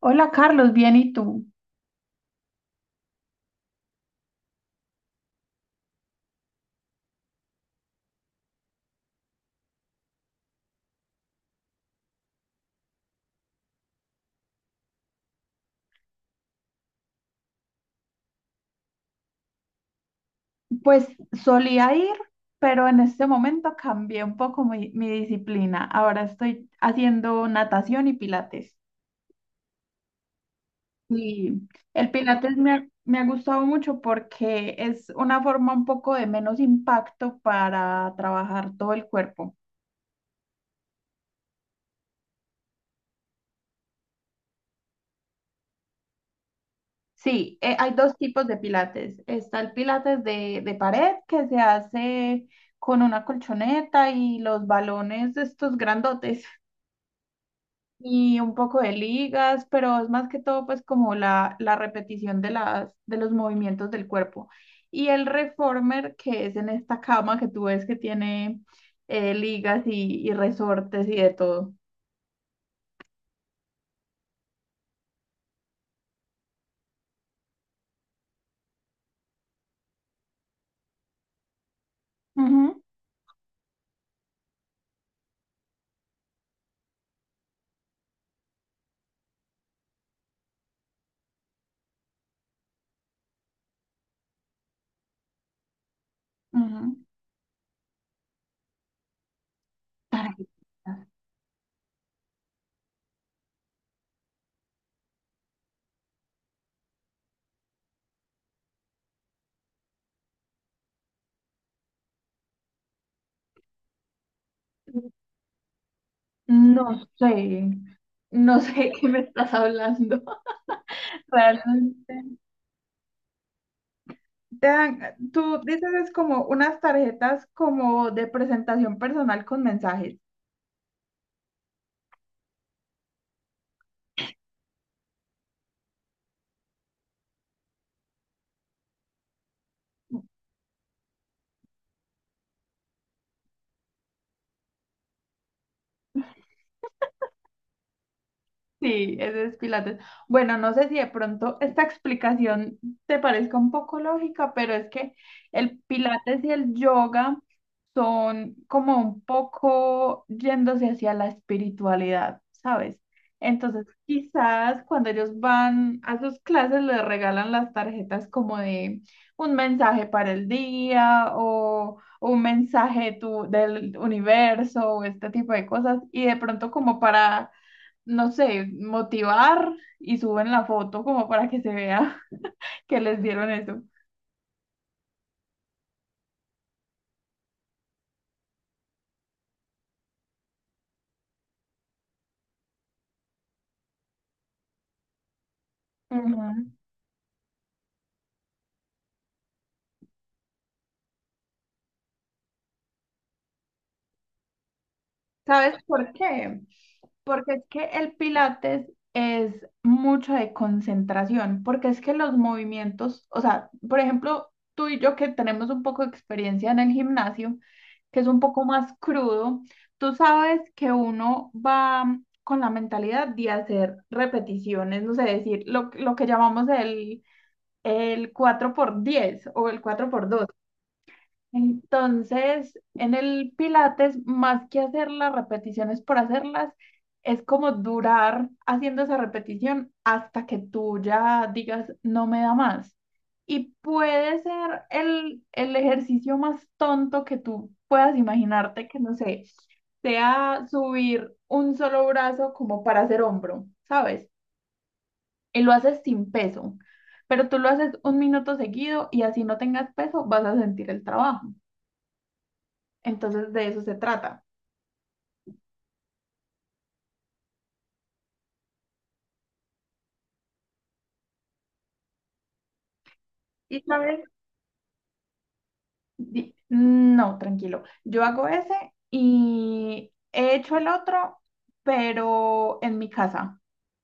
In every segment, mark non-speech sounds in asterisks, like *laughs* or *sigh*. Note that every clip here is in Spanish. Hola Carlos, bien, ¿y tú? Pues solía ir, pero en este momento cambié un poco mi disciplina. Ahora estoy haciendo natación y pilates. Y el pilates me ha gustado mucho porque es una forma un poco de menos impacto para trabajar todo el cuerpo. Sí, hay dos tipos de pilates. Está el pilates de pared que se hace con una colchoneta y los balones de estos grandotes. Y un poco de ligas, pero es más que todo pues como la repetición de los movimientos del cuerpo. Y el reformer, que es en esta cama que tú ves que tiene ligas y resortes y de todo. Ujú. Ujú. Tarjetas. No sé, no sé *laughs* qué me estás hablando. *laughs* Realmente. Tú dices es como unas tarjetas como de presentación personal con mensajes. Sí, ese es Pilates. Bueno, no sé si de pronto esta explicación te parezca un poco lógica, pero es que el Pilates y el yoga son como un poco yéndose hacia la espiritualidad, ¿sabes? Entonces, quizás cuando ellos van a sus clases les regalan las tarjetas como de un mensaje para el día o un mensaje tu- del universo o este tipo de cosas y de pronto como para no sé, motivar y suben la foto como para que se vea *laughs* que les dieron eso. Ujú. ¿Sabes por qué? Porque es que el pilates es mucho de concentración, porque es que los movimientos, o sea, por ejemplo, tú y yo que tenemos un poco de experiencia en el gimnasio, que es un poco más crudo, tú sabes que uno va con la mentalidad de hacer repeticiones, no sé, decir lo que llamamos el 4 por 10 o el 4 por 2. Entonces, en el Pilates, más que hacer las repeticiones por hacerlas, es como durar haciendo esa repetición hasta que tú ya digas, no me da más. Y puede ser el ejercicio más tonto que tú puedas imaginarte, que no sé, sea subir un solo brazo como para hacer hombro, ¿sabes? Y lo haces sin peso, pero tú lo haces un minuto seguido y así no tengas peso, vas a sentir el trabajo. Entonces de eso se trata. Y sabes, no, tranquilo. Yo hago ese y he hecho el otro, pero en mi casa.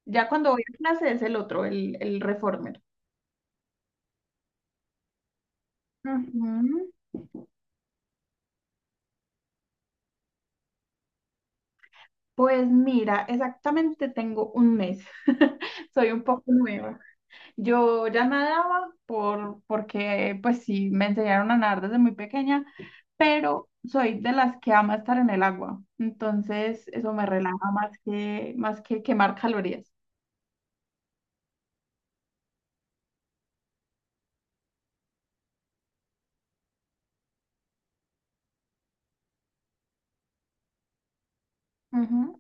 Ya cuando voy a clase es el otro, el reformer. Ujú. Pues mira, exactamente tengo un mes. *laughs* Soy un poco nueva. Yo ya nadaba porque pues sí, me enseñaron a nadar desde muy pequeña, pero soy de las que ama estar en el agua. Entonces eso me relaja más que quemar calorías. Ujú,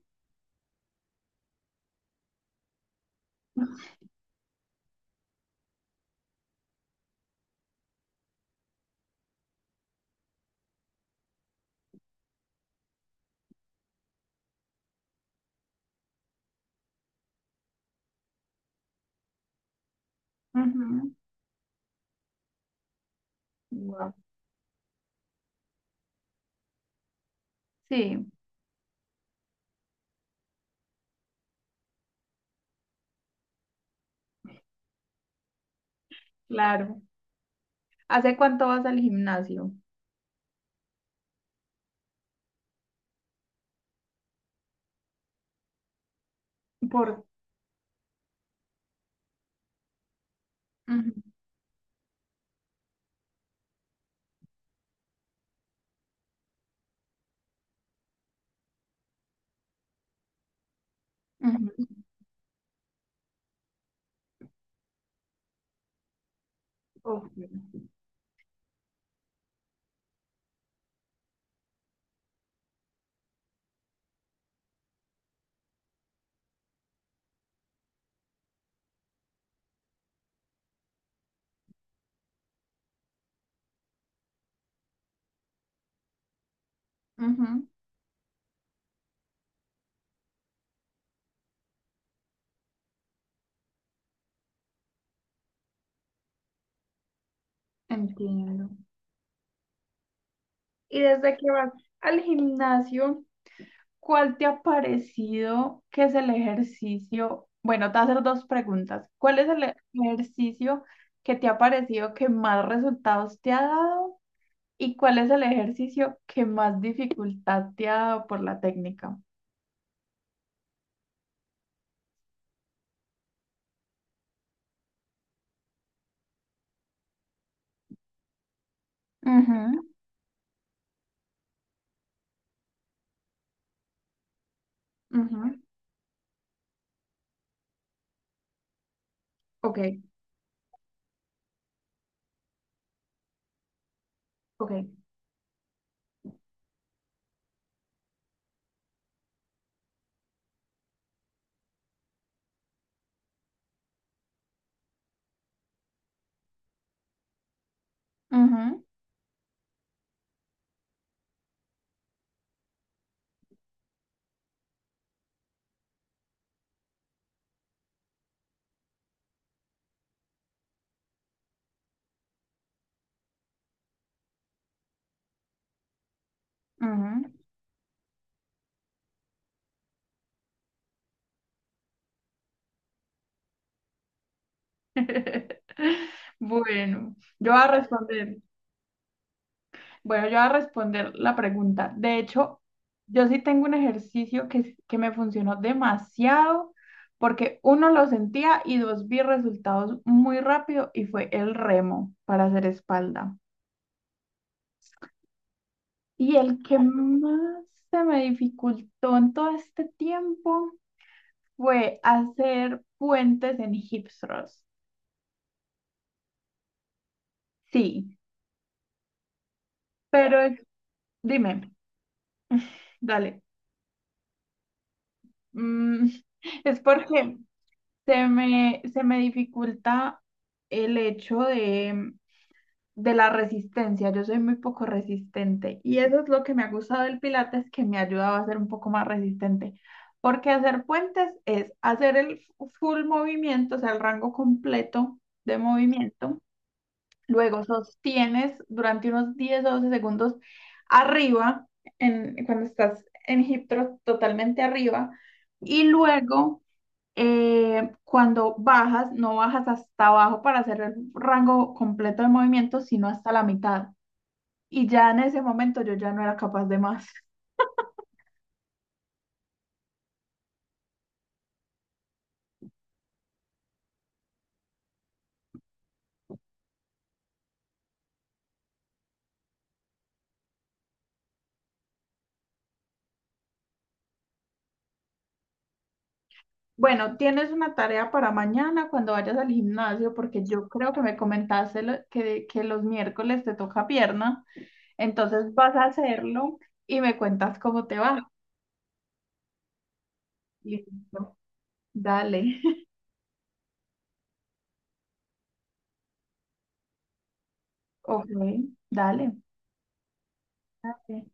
ujú. Wow. Sí, claro. ¿Hace cuánto vas al gimnasio? Por... Ujú, ujú. Ok. Ujú. Entiendo. ¿Y desde que vas al gimnasio? ¿Cuál te ha parecido que es el ejercicio? Bueno, te voy a hacer dos preguntas. ¿Cuál es el e- ejercicio que te ha parecido que más resultados te ha dado? ¿Y cuál es el ejercicio que más dificultad te ha dado por la técnica? Ujú, ujú. Ok, ok. Ujú, ujú. *laughs* Bueno, yo voy a responder. Bueno, yo voy a responder la pregunta. De hecho, yo sí tengo un ejercicio que me funcionó demasiado porque uno lo sentía y dos vi resultados muy rápido y fue el remo para hacer espalda. Y el que más se me dificultó en todo este tiempo fue hacer puentes en hip thrust. Sí, pero es- dime, dale. Mm, *laughs* es porque se me dificulta el hecho de la resistencia. Yo soy muy poco resistente y eso es lo que me ha gustado del Pilates, que me ayudaba a ser un poco más resistente. Porque hacer puentes es hacer el full movimiento, o sea, el rango completo de movimiento. Luego sostienes durante unos 10 o 12 segundos arriba, en, cuando estás en hip thrust totalmente arriba. Y luego cuando bajas, no bajas hasta abajo para hacer el rango completo de movimiento, sino hasta la mitad. Y ya en ese momento yo ya no era capaz de más. Bueno, tienes una tarea para mañana cuando vayas al gimnasio, porque yo creo que me comentaste que los miércoles te toca pierna, entonces vas a hacerlo y me cuentas cómo te va. Listo, dale, *laughs* ok, dale. Dale.